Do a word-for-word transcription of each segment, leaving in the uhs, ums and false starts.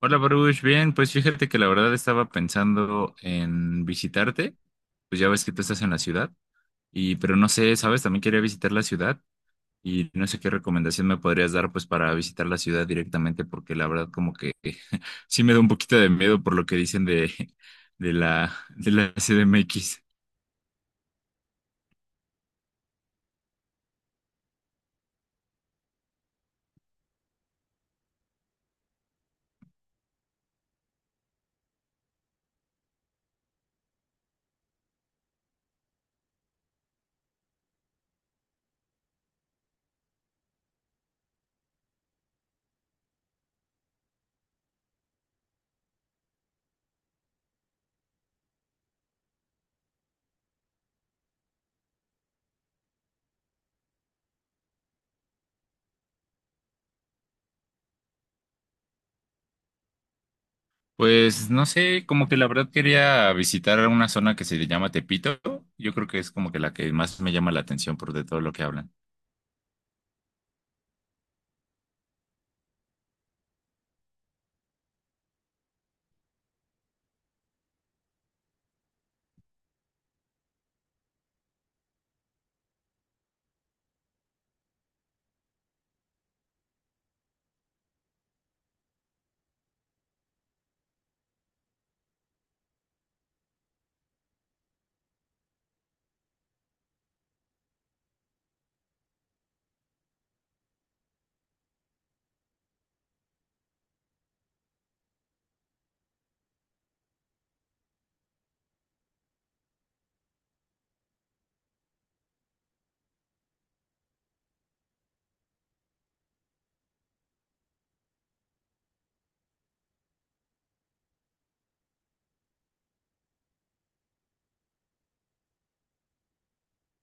Hola, Baruch. Bien, pues fíjate que la verdad estaba pensando en visitarte. Pues ya ves que tú estás en la ciudad y pero no sé, ¿sabes? También quería visitar la ciudad y no sé qué recomendación me podrías dar pues para visitar la ciudad directamente porque la verdad como que sí me da un poquito de miedo por lo que dicen de de la de la C D M X. Pues no sé, como que la verdad quería visitar una zona que se llama Tepito. Yo creo que es como que la que más me llama la atención por de todo lo que hablan.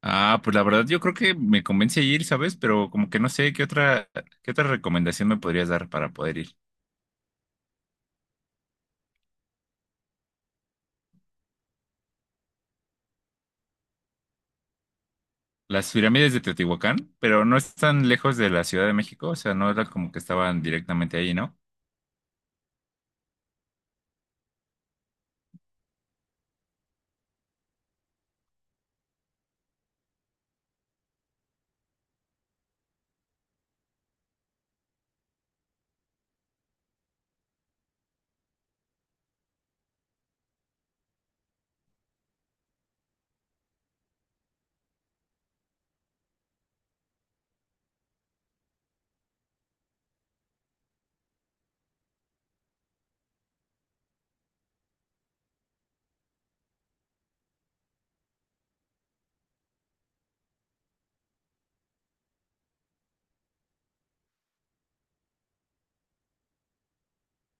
Ah, pues la verdad yo creo que me convence ir, ¿sabes? Pero como que no sé qué otra, qué otra recomendación me podrías dar para poder ir. Las pirámides de Teotihuacán, pero no están lejos de la Ciudad de México, o sea, no era como que estaban directamente ahí, ¿no?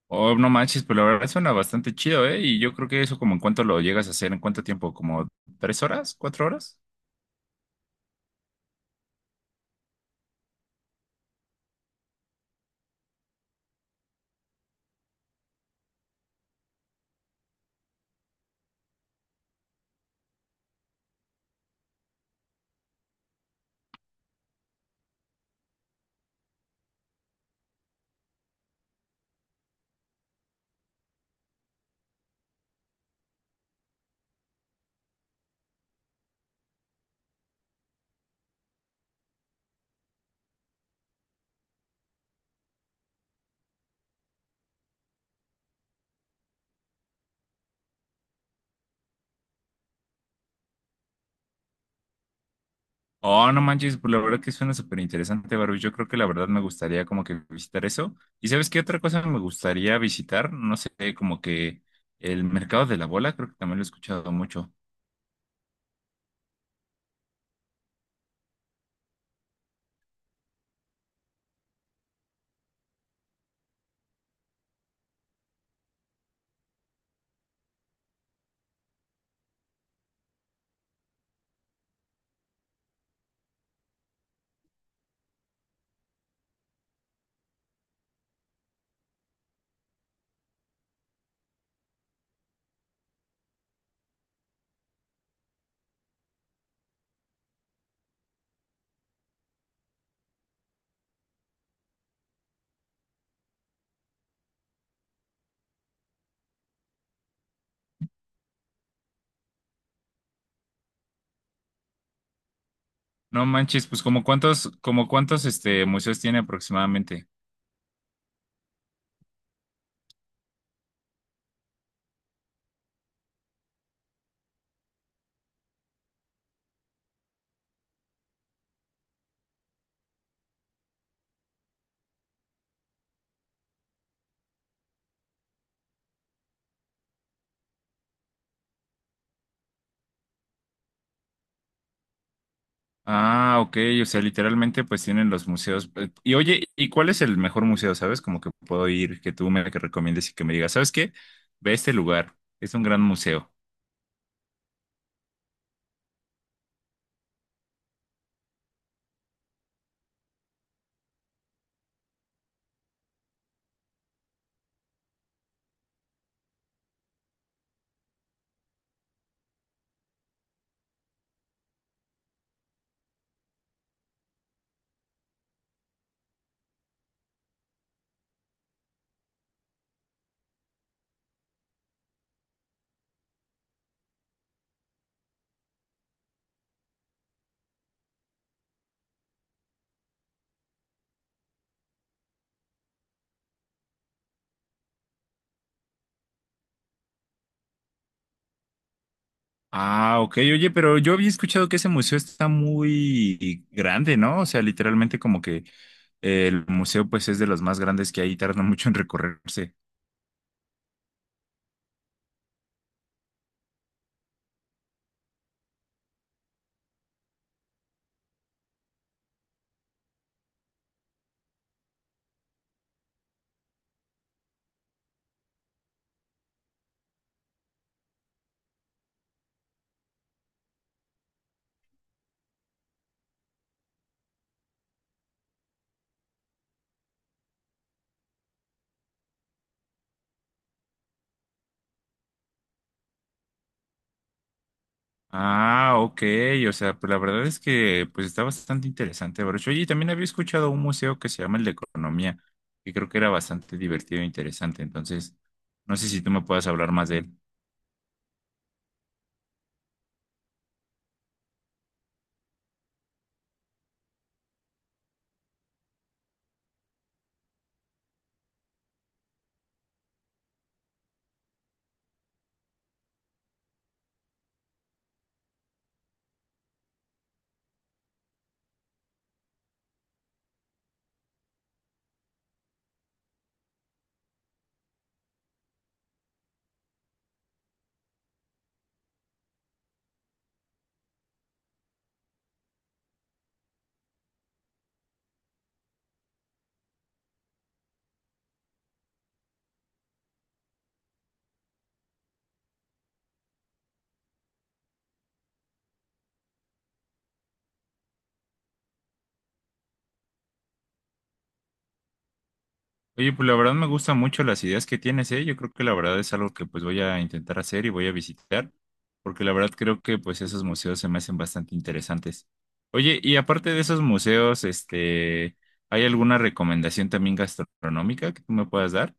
Oh, no manches, pues la verdad suena bastante chido, ¿eh? Y yo creo que eso como en cuánto lo llegas a hacer, ¿en cuánto tiempo? ¿Como tres horas? ¿Cuatro horas? Oh, no manches, pues la verdad que suena súper interesante, Baru. Yo creo que la verdad me gustaría como que visitar eso. ¿Y sabes qué otra cosa me gustaría visitar? No sé, como que el mercado de la bola, creo que también lo he escuchado mucho. No manches, pues como cuántos, como cuántos este museos tiene aproximadamente. Ah, ok, o sea, literalmente pues tienen los museos. Eh, Y oye, ¿y cuál es el mejor museo, sabes? Como que puedo ir, que tú me que recomiendes y que me digas, ¿sabes qué? Ve a este lugar, es un gran museo. Ah, ok, oye, pero yo había escuchado que ese museo está muy grande, ¿no? O sea, literalmente como que el museo pues es de los más grandes que hay y tarda mucho en recorrerse. Ah, ok, o sea, pues la verdad es que pues está bastante interesante, Baruch. Oye, y también había escuchado un museo que se llama el de Economía, que creo que era bastante divertido e interesante, entonces no sé si tú me puedas hablar más de él. Oye, pues la verdad me gustan mucho las ideas que tienes, ¿eh? Yo creo que la verdad es algo que pues voy a intentar hacer y voy a visitar, porque la verdad creo que pues esos museos se me hacen bastante interesantes. Oye, y aparte de esos museos, este, ¿hay alguna recomendación también gastronómica que tú me puedas dar?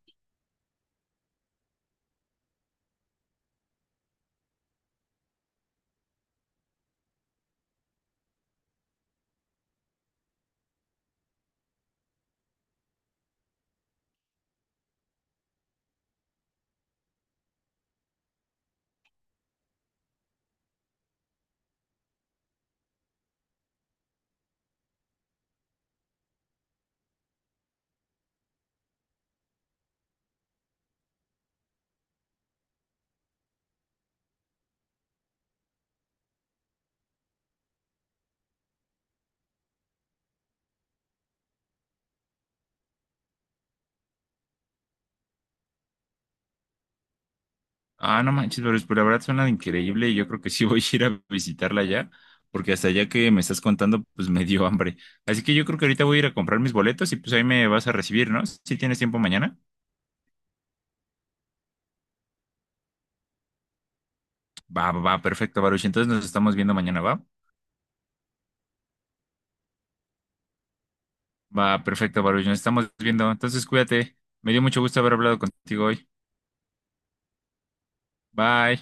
Ah, no manches, pero pues, la verdad suena increíble y yo creo que sí voy a ir a visitarla ya, porque hasta ya que me estás contando, pues me dio hambre. Así que yo creo que ahorita voy a ir a comprar mis boletos y pues ahí me vas a recibir, ¿no? Si tienes tiempo mañana. Va, va, va, perfecto, Baruch. Entonces nos estamos viendo mañana, ¿va? Va, perfecto, Baruch. Nos estamos viendo. Entonces cuídate. Me dio mucho gusto haber hablado contigo hoy. Bye.